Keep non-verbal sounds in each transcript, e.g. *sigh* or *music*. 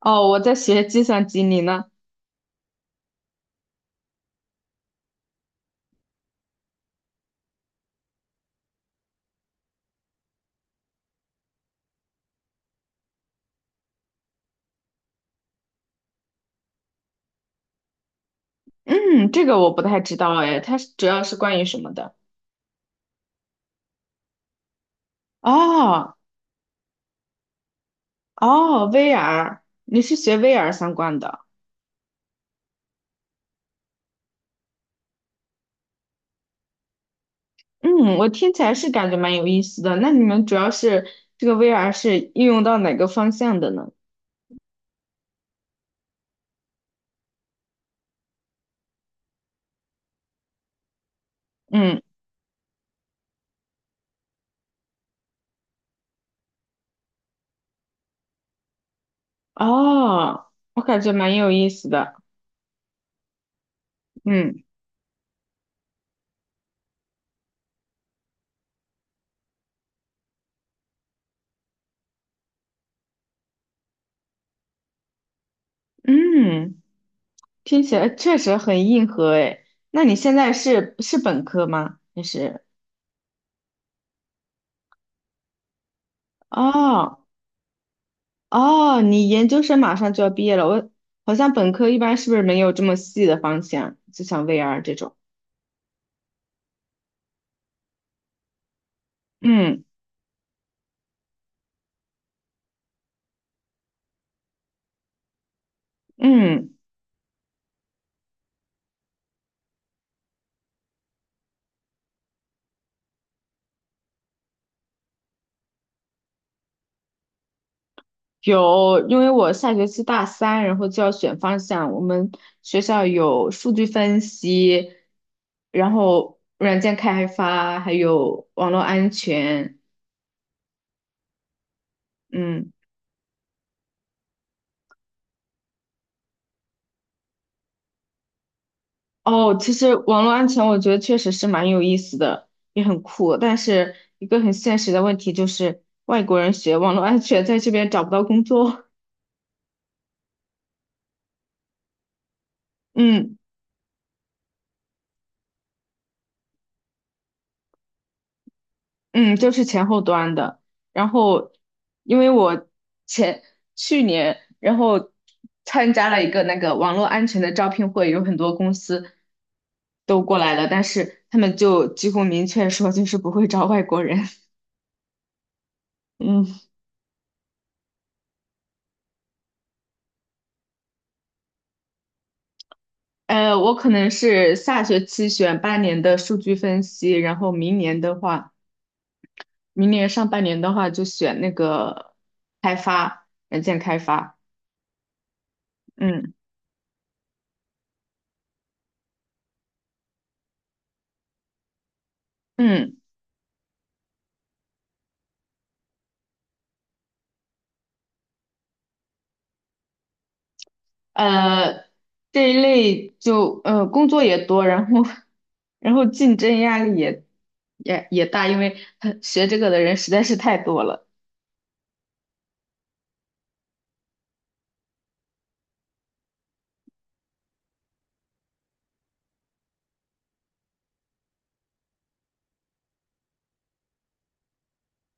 哦，我在学计算机，你呢？嗯，这个我不太知道哎，它是主要是关于什么的？哦哦，VR，你是学 VR 相关的？嗯，我听起来是感觉蛮有意思的。那你们主要是这个 VR 是应用到哪个方向的呢？嗯，哦，我感觉蛮有意思的。嗯嗯，听起来确实很硬核哎。那你现在是本科吗？还是？哦哦，你研究生马上就要毕业了，我好像本科一般是不是没有这么细的方向，就像 VR 这种。嗯嗯，有，因为我下学期大三，然后就要选方向。我们学校有数据分析，然后软件开发，还有网络安全。嗯。哦，其实网络安全我觉得确实是蛮有意思的，也很酷。但是一个很现实的问题就是，外国人学网络安全在这边找不到工作。*laughs* 嗯嗯，就是前后端的。然后，因为我前去年，然后参加了一个那个网络安全的招聘会，有很多公司都过来了，但是他们就几乎明确说就是不会招外国人。*laughs* 嗯。我可能是下学期选半年的数据分析，然后明年的话，明年上半年的话就选那个软件开发。嗯嗯，呃，这一类就工作也多，然后 *laughs* 然后竞争压力也大，因为他学这个的人实在是太多了。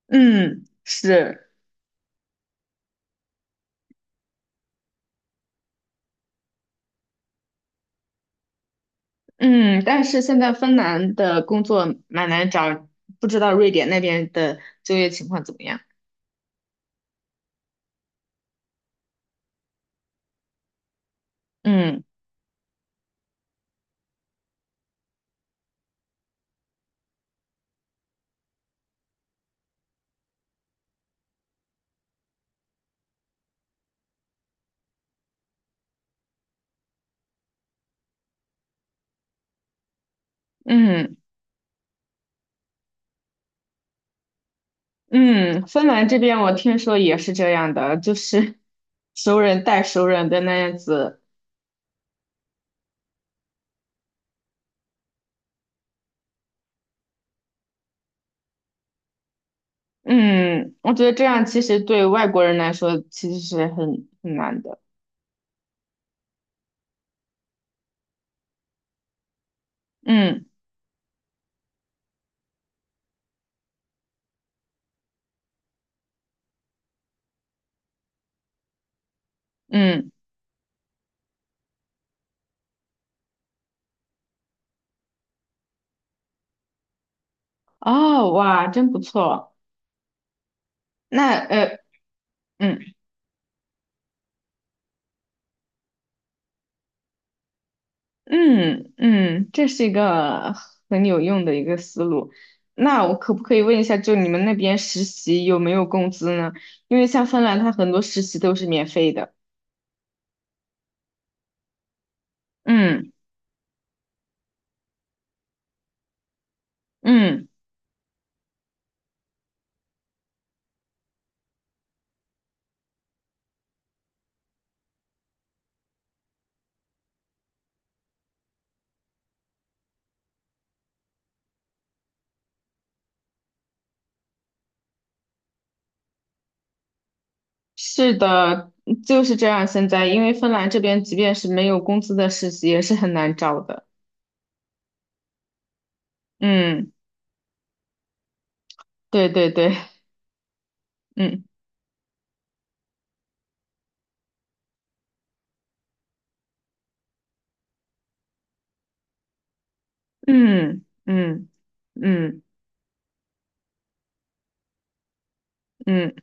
嗯，是，嗯，但是现在芬兰的工作蛮难找，不知道瑞典那边的就业情况怎么样。嗯嗯嗯，芬兰这边我听说也是这样的，就是熟人带熟人的那样子。嗯，我觉得这样其实对外国人来说其实是很难的。嗯嗯，哦哇，真不错。那嗯嗯嗯，这是一个很有用的一个思路。那我可不可以问一下，就你们那边实习有没有工资呢？因为像芬兰，它很多实习都是免费的。嗯嗯。是的，就是这样。现在，因为芬兰这边即便是没有工资的实习，也是很难找的。嗯，对对对，嗯嗯嗯嗯嗯。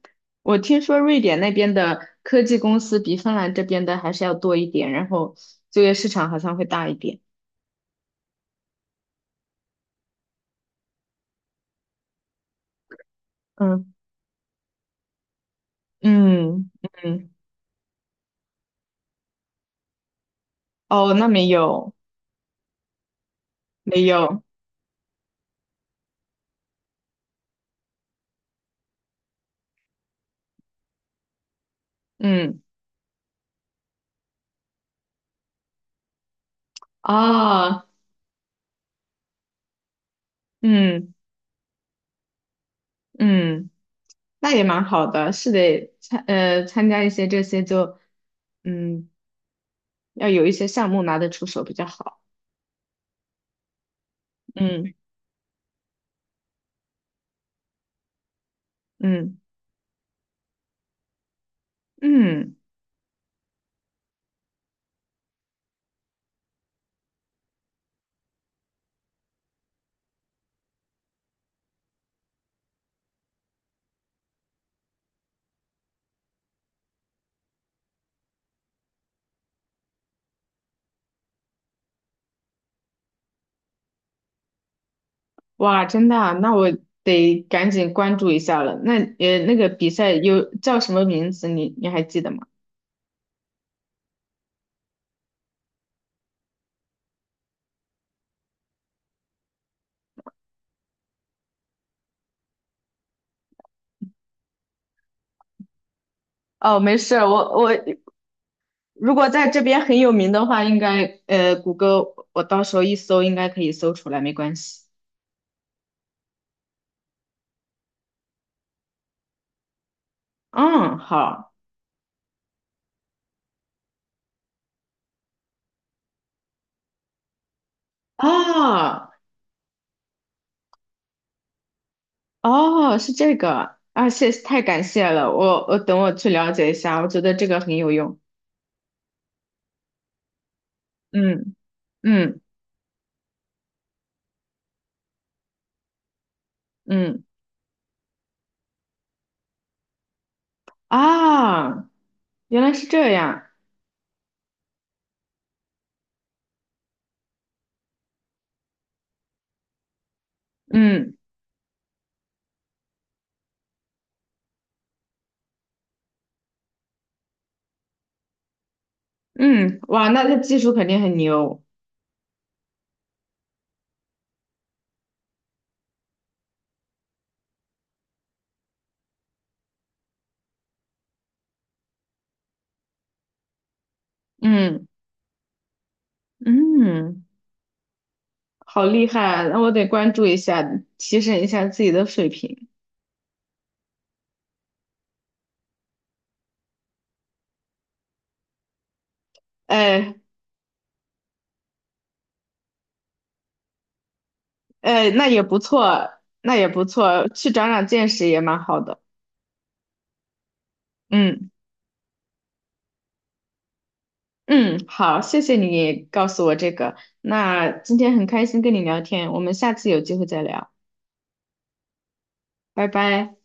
我听说瑞典那边的科技公司比芬兰这边的还是要多一点，然后就业市场好像会大一点。嗯嗯嗯。哦，那没有没有。嗯啊嗯嗯，那也蛮好的，是得参加一些这些就。嗯，要有一些项目拿得出手比较好。嗯嗯嗯，哇，真的啊那我得赶紧关注一下了。那那个比赛有叫什么名字？你还记得吗？哦，没事儿我如果在这边很有名的话，应该谷歌我到时候一搜应该可以搜出来，没关系。嗯，好啊，哦，是这个啊，谢，太感谢了，我等我去了解一下，我觉得这个很有用。嗯嗯嗯。啊，原来是这样。嗯嗯，哇，那他技术肯定很牛。嗯嗯，好厉害啊，那我得关注一下，提升一下自己的水平。哎哎，那也不错，那也不错，去长长见识也蛮好的。嗯嗯，好，谢谢你告诉我这个。那今天很开心跟你聊天，我们下次有机会再聊，拜拜。